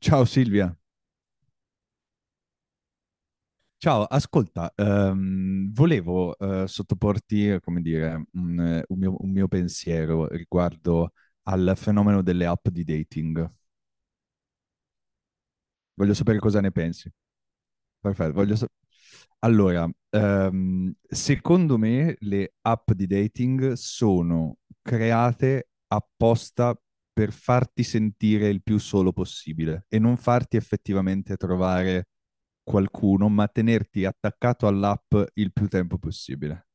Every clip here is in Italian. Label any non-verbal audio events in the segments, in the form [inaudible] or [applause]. Ciao Silvia, ciao, ascolta, volevo sottoporti, come dire, un mio pensiero riguardo al fenomeno delle app di dating. Voglio sapere cosa ne pensi. Perfetto, allora, secondo me le app di dating sono create apposta per farti sentire il più solo possibile e non farti effettivamente trovare qualcuno, ma tenerti attaccato all'app il più tempo possibile.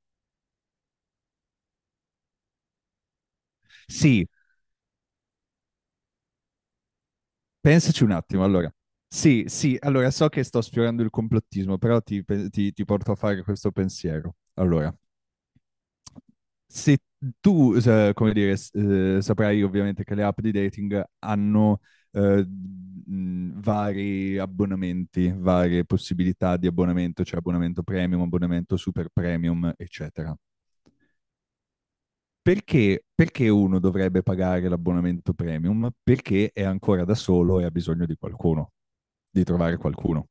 Sì, pensaci un attimo, allora. Sì, sì, allora so che sto sfiorando il complottismo, però ti porto a fare questo pensiero. Allora, se tu, come dire, saprai ovviamente che le app di dating hanno vari abbonamenti, varie possibilità di abbonamento, cioè abbonamento premium, abbonamento super premium, eccetera. Perché uno dovrebbe pagare l'abbonamento premium? Perché è ancora da solo e ha bisogno di qualcuno, di trovare qualcuno.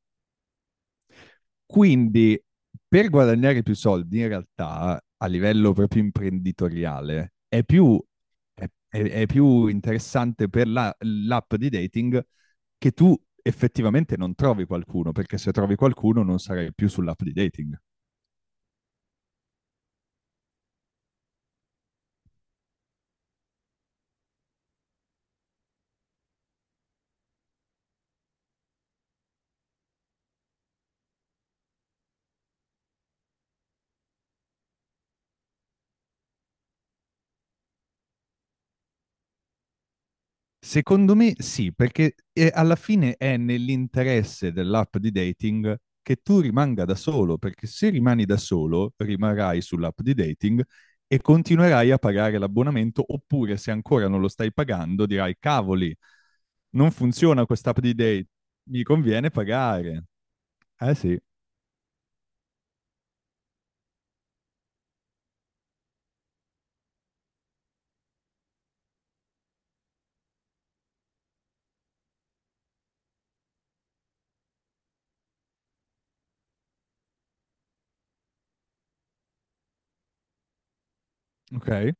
Quindi per guadagnare più soldi, in realtà, a livello proprio imprenditoriale, è più, è più interessante per l'app di dating che tu effettivamente non trovi qualcuno, perché se trovi qualcuno non sarai più sull'app di dating. Secondo me sì, perché alla fine è nell'interesse dell'app di dating che tu rimanga da solo, perché se rimani da solo rimarrai sull'app di dating e continuerai a pagare l'abbonamento, oppure se ancora non lo stai pagando dirai cavoli, non funziona quest'app di dating, mi conviene pagare. Eh sì, ok,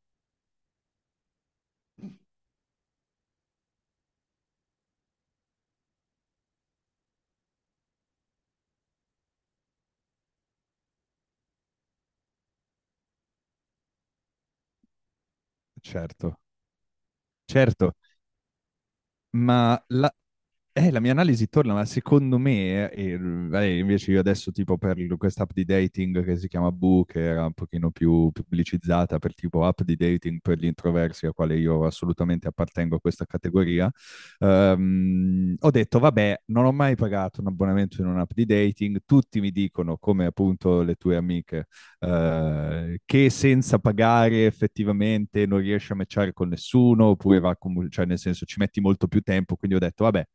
certo, certo. Ma la- la mia analisi torna, ma secondo me, invece io adesso tipo per quest'app di dating che si chiama Boo, che era un pochino più pubblicizzata per tipo app di dating per gli introversi, a quale io assolutamente appartengo a questa categoria. Ho detto, vabbè, non ho mai pagato un abbonamento in un'app di dating, tutti mi dicono, come appunto le tue amiche, che senza pagare effettivamente non riesci a matchare con nessuno, oppure va, cioè nel senso ci metti molto più tempo, quindi ho detto, vabbè,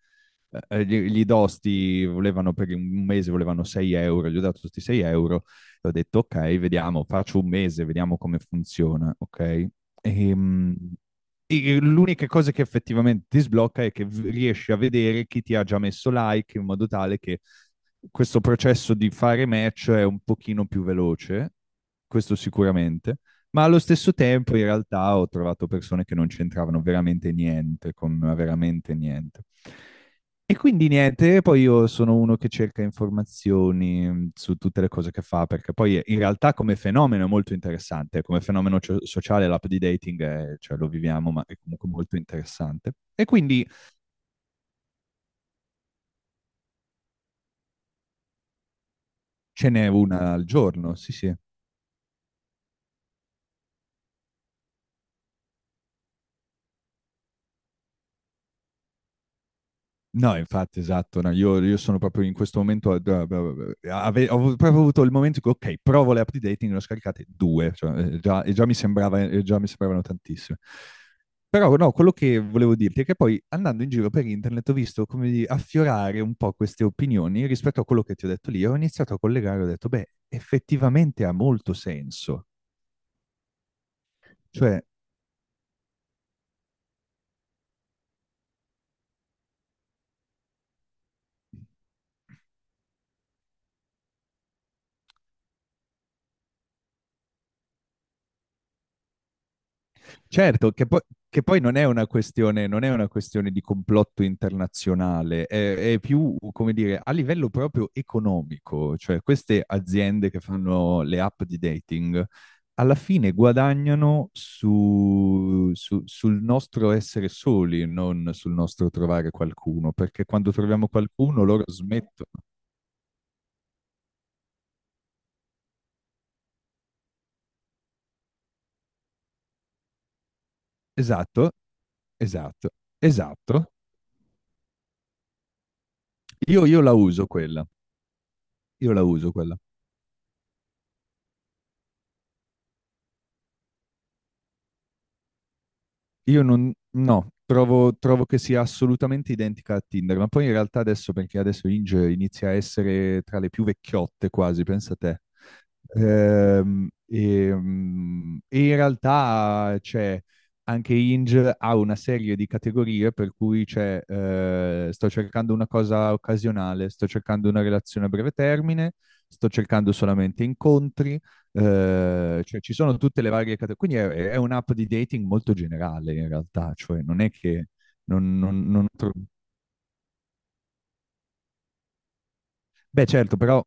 gli dosti volevano per un mese volevano 6 euro, gli ho dato questi 6 € e ho detto ok, vediamo, faccio un mese, vediamo come funziona, ok? E, mm, e l'unica cosa che effettivamente ti sblocca è che riesci a vedere chi ti ha già messo like in modo tale che questo processo di fare match è un pochino più veloce, questo sicuramente, ma allo stesso tempo in realtà ho trovato persone che non c'entravano veramente niente, con veramente niente. E quindi niente, poi io sono uno che cerca informazioni su tutte le cose che fa, perché poi in realtà come fenomeno è molto interessante, come fenomeno sociale l'app di dating cioè, lo viviamo, ma è comunque molto interessante. E quindi ce n'è una al giorno, sì sì. No, infatti, esatto, no, io sono proprio in questo momento, ho proprio avuto il momento in cui, ok, provo le app di dating, ne ho scaricate due, cioè, già, e già mi sembrava, già mi sembravano tantissime. Però no, quello che volevo dirti è che poi andando in giro per internet ho visto come affiorare un po' queste opinioni rispetto a quello che ti ho detto lì, ho iniziato a collegare, ho detto, beh, effettivamente ha molto senso. Cioè, certo, che poi non è una questione, non è una questione di complotto internazionale, è più, come dire, a livello proprio economico, cioè queste aziende che fanno le app di dating alla fine guadagnano sul nostro essere soli, non sul nostro trovare qualcuno, perché quando troviamo qualcuno loro smettono. Esatto, esatto, esatto. Io la uso quella, io la uso quella. Io non, no, trovo, trovo che sia assolutamente identica a Tinder, ma poi in realtà adesso, perché adesso Inge inizia a essere tra le più vecchiotte quasi, pensa te. E in realtà c'è anche Inge ha una serie di categorie per cui c'è sto cercando una cosa occasionale, sto cercando una relazione a breve termine, sto cercando solamente incontri, cioè ci sono tutte le varie categorie, quindi è un'app di dating molto generale in realtà, cioè non è che non beh, certo, però,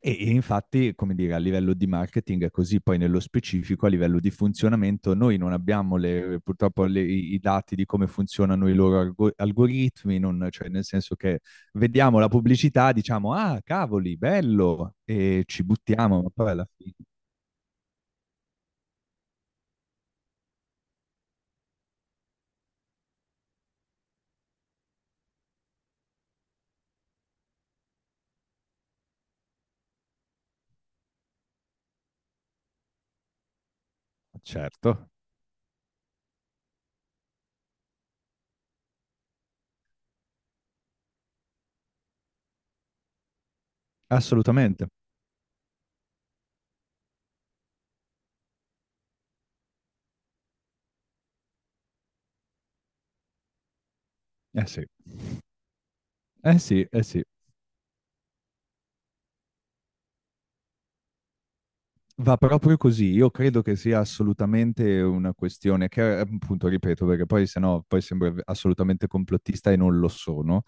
e infatti, come dire, a livello di marketing è così, poi nello specifico, a livello di funzionamento, noi non abbiamo purtroppo i dati di come funzionano i loro algoritmi, cioè nel senso che vediamo la pubblicità, diciamo, ah, cavoli, bello, e ci buttiamo, ma poi alla fine, certo, assolutamente, eh sì. Eh sì, eh sì, va proprio così. Io credo che sia assolutamente una questione che, appunto, ripeto, perché poi se no poi sembra assolutamente complottista e non lo sono.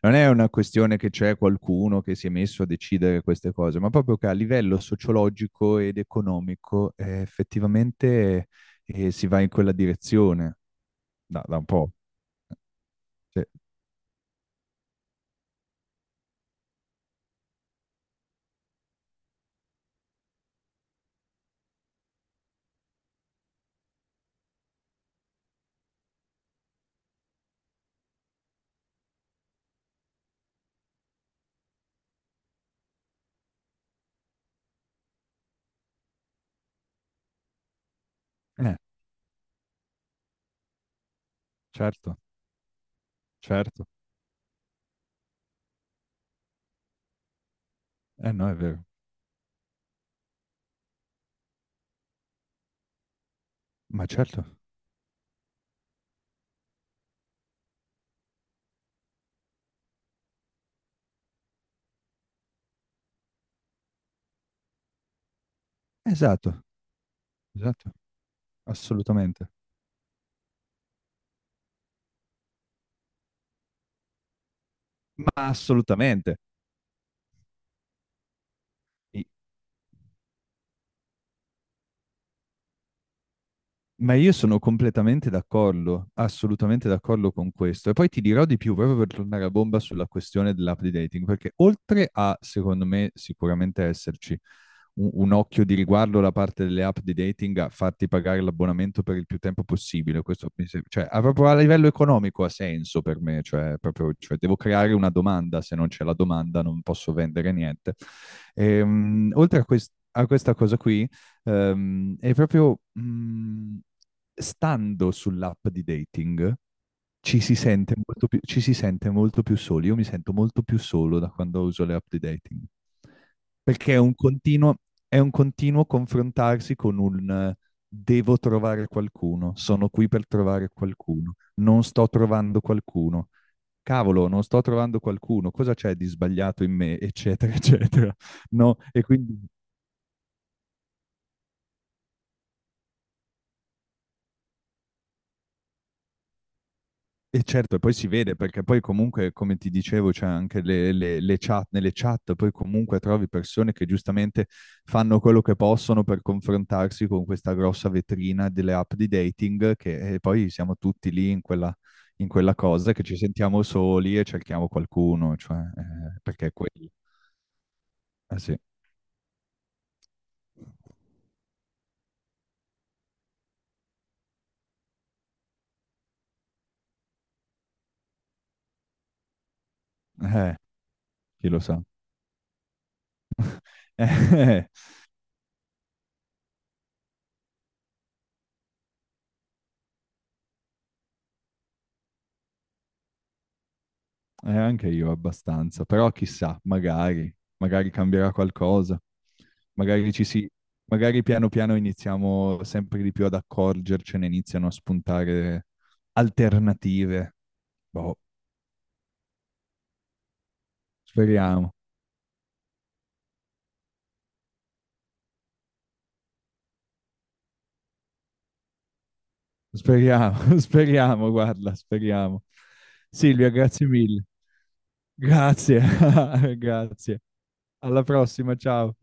Non è una questione che c'è qualcuno che si è messo a decidere queste cose, ma proprio che a livello sociologico ed economico effettivamente si va in quella direzione da, da un po'. Sì. Eh, certo, certo. Eh no, è vero. Ma certo, esatto, esatto, assolutamente. Ma assolutamente. I- Ma io sono completamente d'accordo, assolutamente d'accordo con questo. E poi ti dirò di più, proprio per tornare a bomba sulla questione dell'app di dating, perché oltre a, secondo me, sicuramente esserci un occhio di riguardo da parte delle app di dating a farti pagare l'abbonamento per il più tempo possibile, questo mi cioè, a, proprio a livello economico ha senso per me, cioè, proprio, cioè, devo creare una domanda, se non c'è la domanda non posso vendere niente. Oltre a, a questa cosa qui, e proprio stando sull'app di dating ci si sente molto più, ci si sente molto più soli. Io mi sento molto più solo da quando uso le app di dating. Perché è un continuo confrontarsi con un devo trovare qualcuno, sono qui per trovare qualcuno, non sto trovando qualcuno. Cavolo, non sto trovando qualcuno, cosa c'è di sbagliato in me, eccetera, [laughs] eccetera. No, e quindi e certo, e poi si vede perché poi comunque, come ti dicevo, c'è anche le chat, nelle chat poi comunque trovi persone che giustamente fanno quello che possono per confrontarsi con questa grossa vetrina delle app di dating che e poi siamo tutti lì in quella cosa che ci sentiamo soli e cerchiamo qualcuno, cioè, perché è quello. Eh sì, eh, chi lo sa. [laughs] Anche io abbastanza, però chissà, magari, magari cambierà qualcosa, magari ci si, magari piano piano iniziamo sempre di più ad accorgercene, iniziano a spuntare alternative. Boh, speriamo, speriamo, [laughs] speriamo, guarda, speriamo. Silvia, grazie mille. Grazie, [laughs] grazie. Alla prossima, ciao.